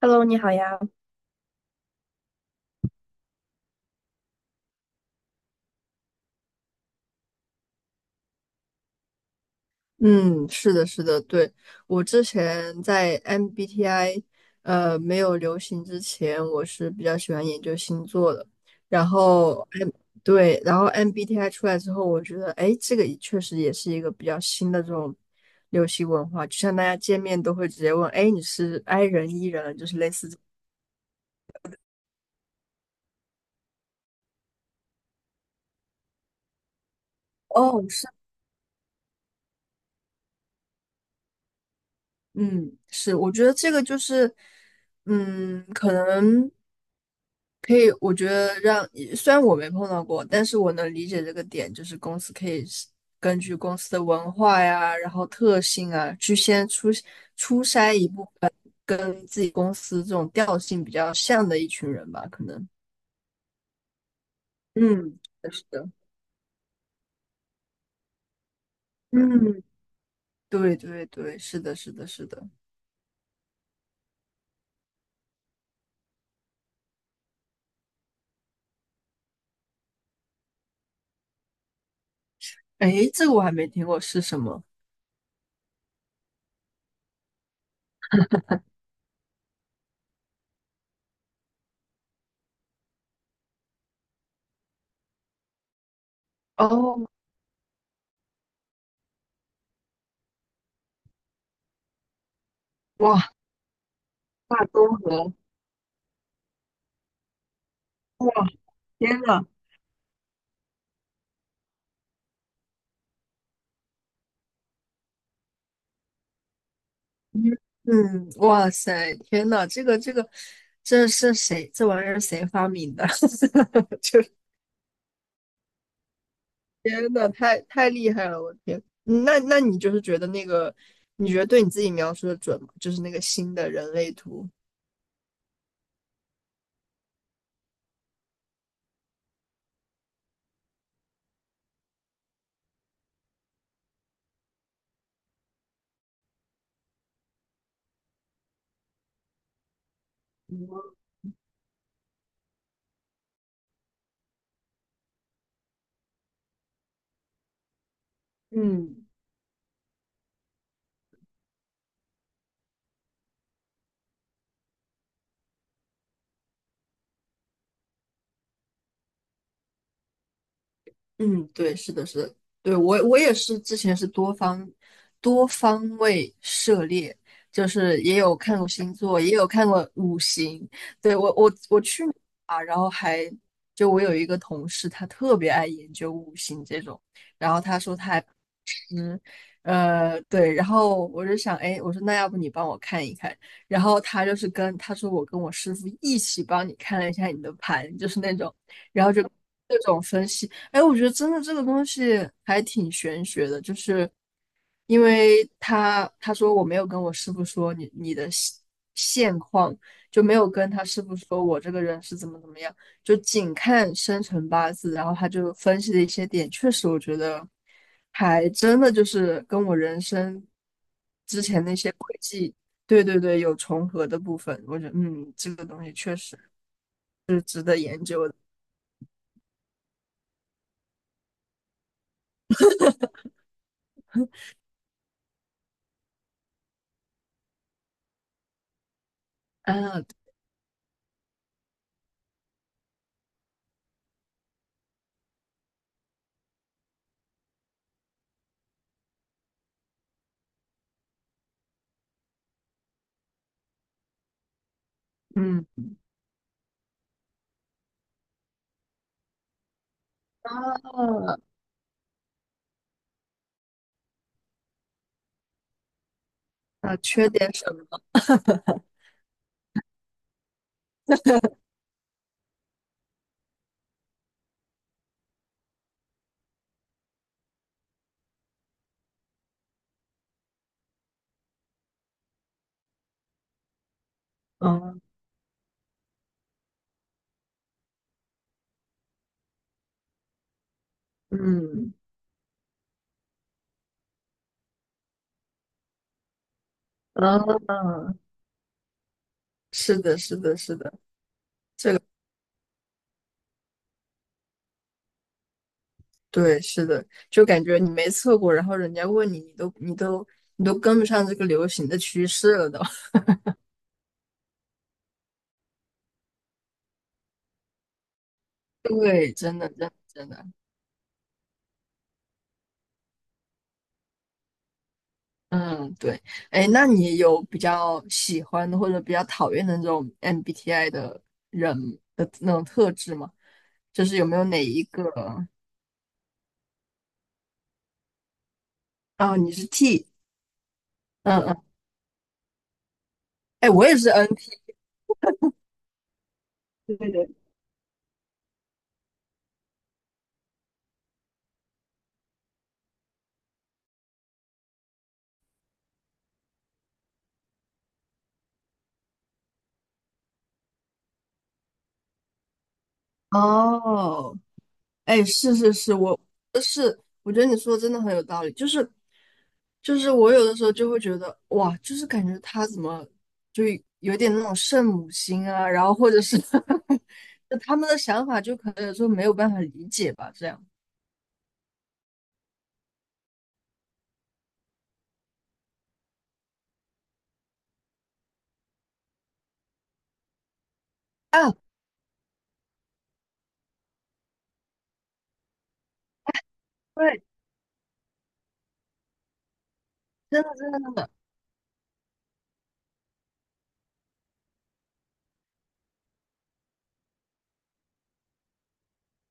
Hello，你好呀。嗯，是的，是的，对，我之前在 MBTI 没有流行之前，我是比较喜欢研究星座的。然后 M 对，然后 MBTI 出来之后，我觉得哎，这个也确实也是一个比较新的这种流行文化，就像大家见面都会直接问，哎，你是 I 人 E 人，就是类似这。哦，嗯，是，我觉得这个就是，可能可以，我觉得让，虽然我没碰到过，但是我能理解这个点，就是公司可以是根据公司的文化呀，然后特性啊，去先出筛一部跟自己公司这种调性比较像的一群人吧，可能。嗯，是的，嗯，对对对，是的，是的，是的。哎，这个我还没听过，是什么？哦，哇，大综合，天呐！嗯，哇塞，天呐，这个这个，这是谁？这玩意儿谁发明的？就是天呐，太厉害了，我的天！那你就是觉得那个，你觉得对你自己描述的准吗？就是那个新的人类图。嗯。嗯，对，是的，是的，对，我也是之前是多方位涉猎，就是也有看过星座，也有看过五行。对，我去年啊，然后还就我有一个同事，他特别爱研究五行这种，然后他说他还对，然后我就想，哎，我说那要不你帮我看一看，然后他就是跟他说我跟我师傅一起帮你看了一下你的盘，就是那种，然后就各种分析，哎，我觉得真的这个东西还挺玄学的，就是因为他说我没有跟我师傅说你的现况，就没有跟他师傅说我这个人是怎么怎么样，就仅看生辰八字，然后他就分析了一些点，确实我觉得还真的就是跟我人生之前那些轨迹，对对对，有重合的部分，我觉得这个东西确实，啊，嗯，啊，啊，缺点什么？嗯嗯，啊，是的，是的，是的。对，是的，就感觉你没测过，然后人家问你，你都跟不上这个流行的趋势了都。对，真的，真的真的，嗯，对。哎，那你有比较喜欢的或者比较讨厌的那种 MBTI 的人的那种特质吗？就是有没有哪一个？哦，你是 T，嗯嗯，哎，我也是 NT。哦，哎，是是是，我是我觉得你说的真的很有道理，就是我有的时候就会觉得哇，就是感觉他怎么就有点那种圣母心啊，然后或者是 就他们的想法就可能有时候没有办法理解吧，这样啊，对，真的真的真的。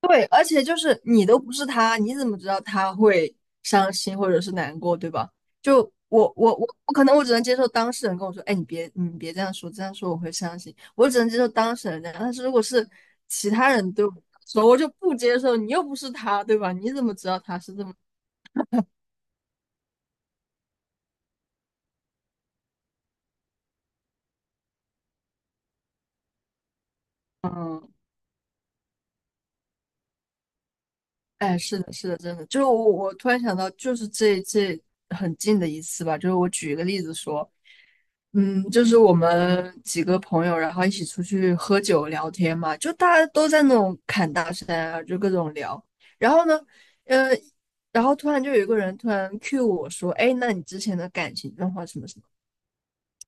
对，而且就是你都不是他，你怎么知道他会伤心或者是难过，对吧？就我可能我只能接受当事人跟我说，哎，你别这样说，这样说我会伤心。我只能接受当事人这样，但是如果是其他人对我说，我就不接受。你又不是他，对吧？你怎么知道他是这么？嗯？哎，是的，是的，真的，就是我，我突然想到，就是这很近的一次吧，就是我举一个例子说，嗯，就是我们几个朋友，然后一起出去喝酒聊天嘛，就大家都在那种侃大山啊，就各种聊，然后呢，嗯，然后突然就有一个人突然 Q 我说，哎，那你之前的感情状况什么什么？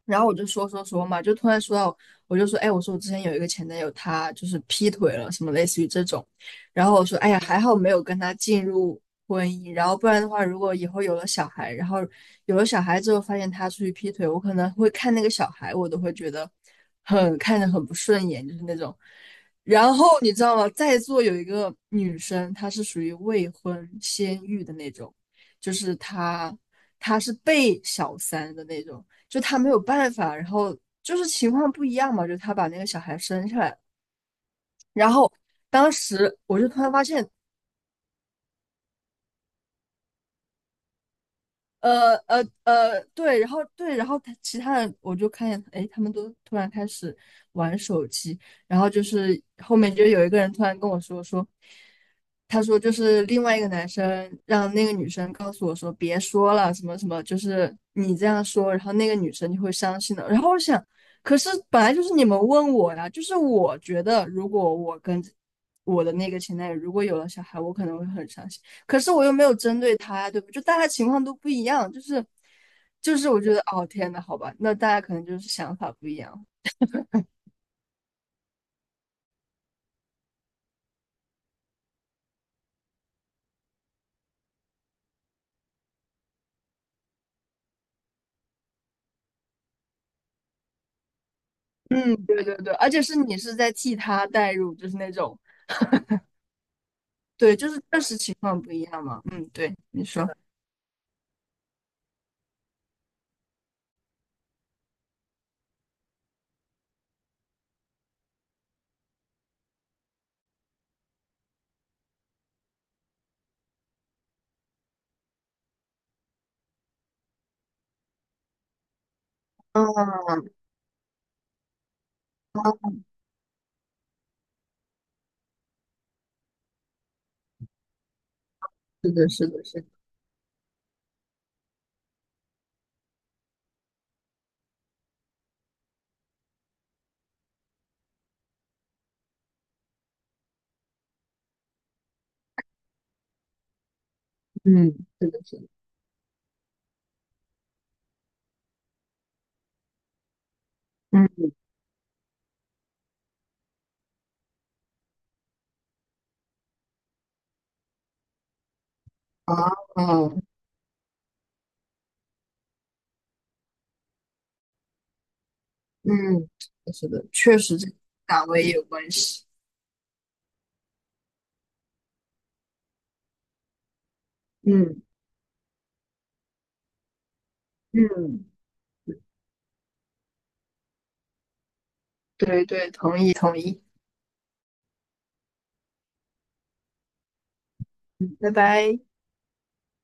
然后我就说说说嘛，就突然说到，我就说，哎，我说我之前有一个前男友，他就是劈腿了，什么类似于这种。然后我说，哎呀，还好没有跟他进入婚姻，然后不然的话，如果以后有了小孩，然后有了小孩之后发现他出去劈腿，我可能会看那个小孩，我都会觉得很看着很不顺眼，就是那种。然后你知道吗？在座有一个女生，她是属于未婚先孕的那种，就是她她是被小三的那种。就他没有办法，然后就是情况不一样嘛，就他把那个小孩生下来，然后当时我就突然发现，对，然后对，然后他其他的我就看见，哎，他们都突然开始玩手机，然后就是后面就有一个人突然跟我说，他说就是另外一个男生让那个女生告诉我说别说了什么什么，就是你这样说，然后那个女生就会伤心的。然后我想，可是本来就是你们问我呀，就是我觉得如果我跟我的那个前男友如果有了小孩，我可能会很伤心。可是我又没有针对他呀，对不对就大家情况都不一样，就是我觉得哦天呐，好吧，那大家可能就是想法不一样。嗯，对对对，而且是你是在替他代入，就是那种对，就是确实情况不一样嘛。嗯，对，你说，嗯，是的，是的，是的，嗯，是的，是的，嗯啊，嗯嗯，是的，确实这个岗位也有关系。嗯嗯，对对，同意同意，拜拜。